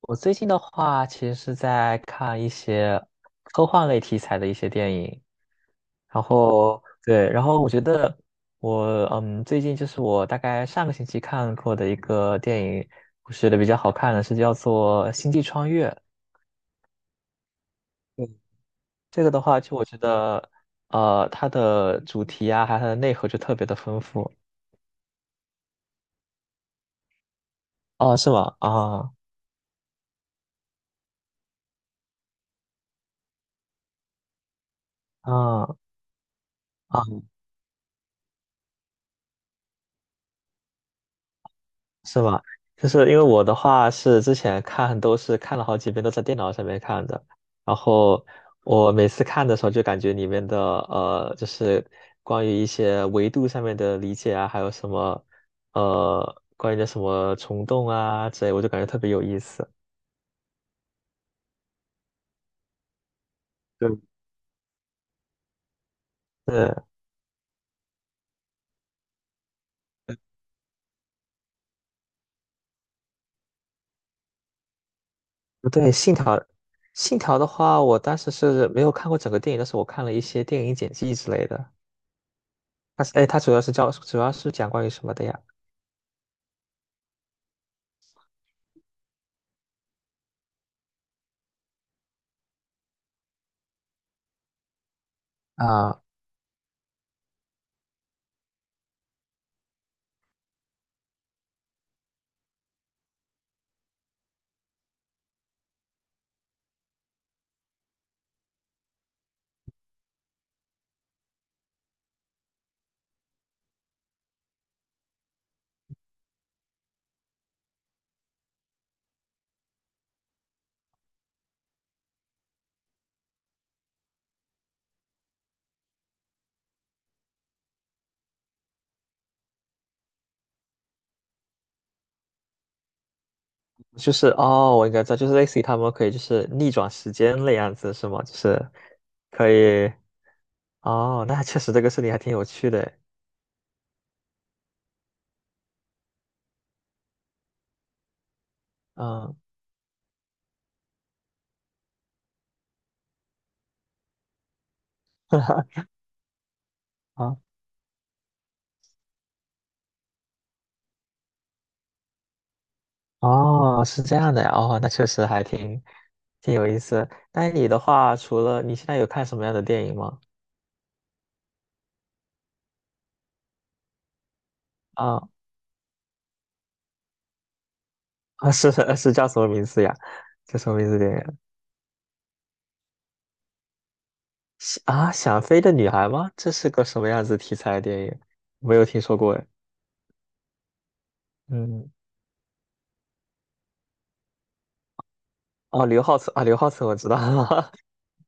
我最近的话，其实是在看一些科幻类题材的一些电影，然后对，然后我觉得我最近就是我大概上个星期看过的一个电影，我觉得比较好看的是叫做《星际穿越》。嗯这个的话，就我觉得它的主题啊，还有它的内核就特别的丰富。哦，是吗？啊啊啊！是吗？就是因为我的话是之前看都是看了好几遍，都在电脑上面看的。然后我每次看的时候，就感觉里面的就是关于一些维度上面的理解啊，还有什么关于的什么虫洞啊之类，我就感觉特别有意思。对，对，对，信条，信条的话，我当时是没有看过整个电影，但是我看了一些电影剪辑之类的。它是，哎，它主要是教，主要是讲关于什么的呀？啊。就是哦，我应该知道，就是类似于他们可以就是逆转时间那样子是吗？就是可以哦，那确实这个事情还挺有趣的诶，嗯，啊哦，是这样的呀，哦，那确实还挺有意思。那你的话，除了你现在有看什么样的电影吗？啊啊，是叫什么名字呀？叫什么名字电影？是啊，想飞的女孩吗？这是个什么样子题材的电影？没有听说过诶。嗯，哦，刘浩存啊，刘浩存我知道，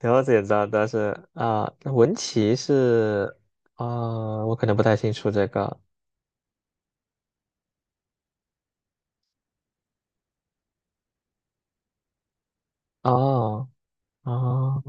了解到，但是啊，那文琪是啊，我可能不太清楚这个哦哦，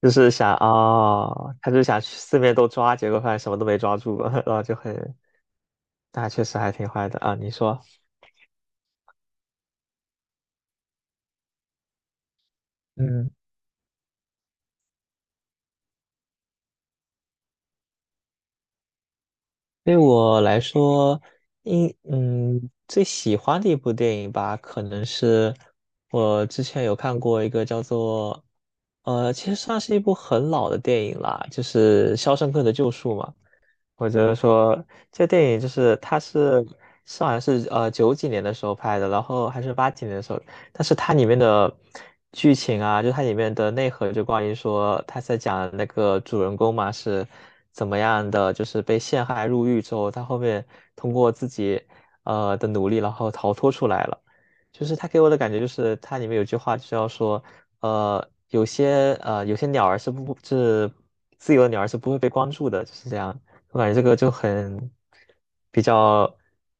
就是想哦，他就想去四面都抓，结果发现什么都没抓住，然后就很，那确实还挺坏的啊。你说，嗯对我来说，最喜欢的一部电影吧，可能是我之前有看过一个叫做，其实算是一部很老的电影啦，就是《肖申克的救赎》嘛。我觉得说这电影就是它是好像是九几年的时候拍的，然后还是八几年的时候。但是它里面的剧情啊，就它里面的内核，就关于说他在讲那个主人公嘛是怎么样的，就是被陷害入狱之后，他后面通过自己的努力，然后逃脱出来了。就是他给我的感觉就是它里面有句话就是要说，有些鸟儿是不是自由的鸟儿是不会被关注的，就是这样。我感觉这个就很比较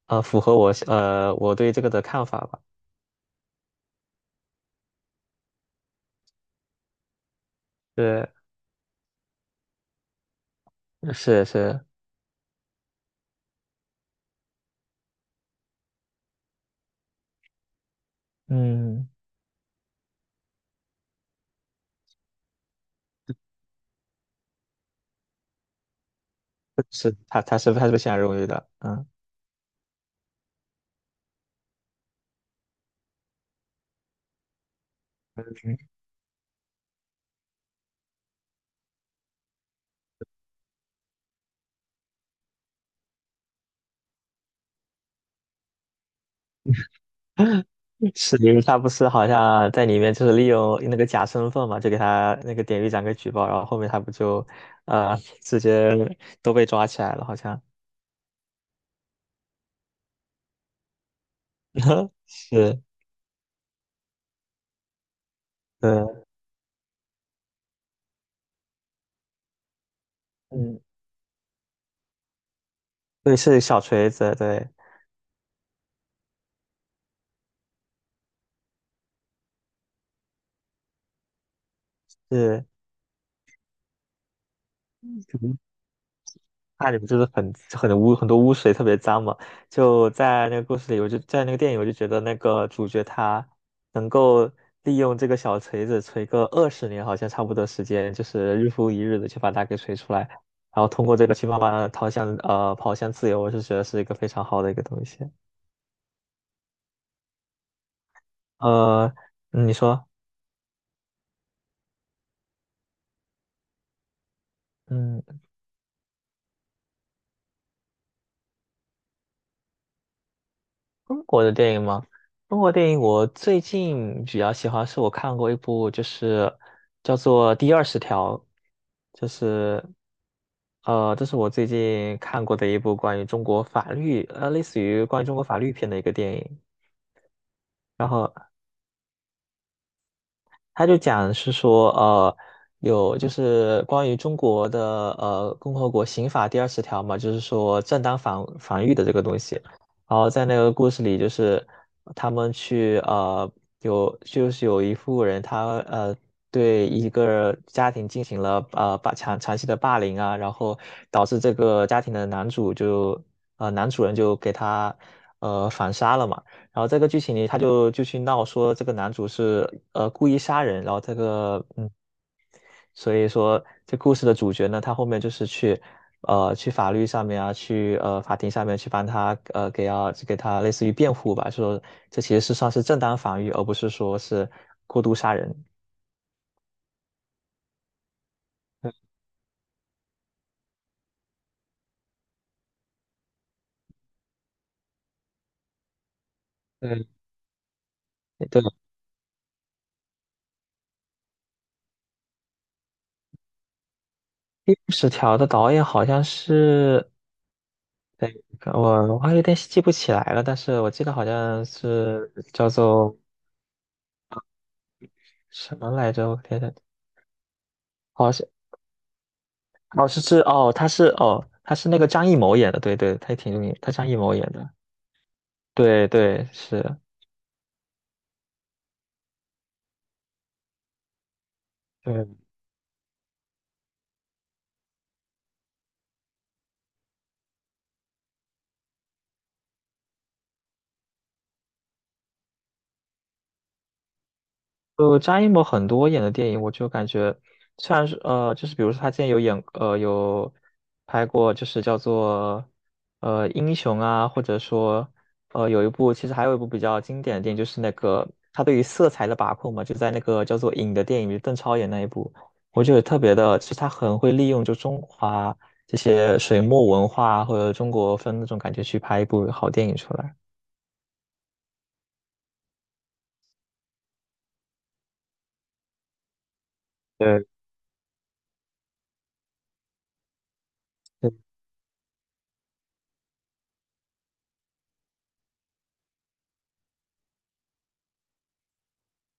符合我对这个的看法吧。对。是是，嗯，他是被选荣誉的，嗯，嗯是因为他不是好像在里面就是利用那个假身份嘛，就给他那个典狱长给举报，然后后面他不就直接都被抓起来了，好像 是，对，嗯，对，是小锤子，对，是。那里不就是很污很多污水，特别脏嘛？就在那个故事里，我就在那个电影，我就觉得那个主角他能够利用这个小锤子锤个20年，好像差不多时间，就是日复一日的去把它给锤出来，然后通过这个去慢慢的跑向自由，我是觉得是一个非常好的一个东西。呃，嗯你说，嗯。中国的电影吗？中国电影我最近比较喜欢，是我看过一部，就是叫做《第二十条》，就是这是我最近看过的一部关于中国法律，类似于关于中国法律片的一个电影。然后他就讲是说，有就是关于中国的共和国刑法第二十条嘛，就是说正当防防御的这个东西。然后在那个故事里，就是他们去呃有就是有一户人他对一个家庭进行了呃霸强长期的霸凌啊，然后导致这个家庭的男主人就给他反杀了嘛。然后这个剧情里他就去闹说这个男主是故意杀人，然后所以说这故事的主角呢，他后面就是去法律上面啊，去法庭上面去帮他要给他类似于辩护吧，说这其实是算是正当防御，而不是说是过度杀人。对，对，第十条的导演好像是，对，我还有点记不起来了，但是我记得好像是叫做什么来着？我天，好像哦是哦，他是那个张艺谋演的，对对，他也挺有名，他张艺谋演的，对对是，对。张艺谋很多演的电影，我就感觉虽然是就是比如说他之前有拍过，就是叫做英雄啊，或者说有一部其实还有一部比较经典的电影，就是那个他对于色彩的把控嘛，就在那个叫做《影》的电影里，邓超演那一部，我觉得特别的，其实他很会利用就中华这些水墨文化或者中国风那种感觉去拍一部好电影出来。对，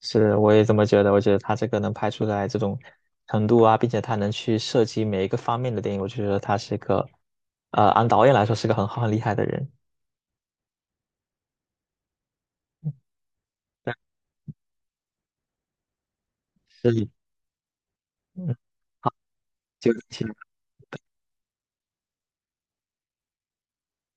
是，我也这么觉得。我觉得他这个能拍出来这种程度啊，并且他能去涉及每一个方面的电影，我就觉得他是一个，按导演来说是个很好很厉害的人。但是，嗯，好，就。请。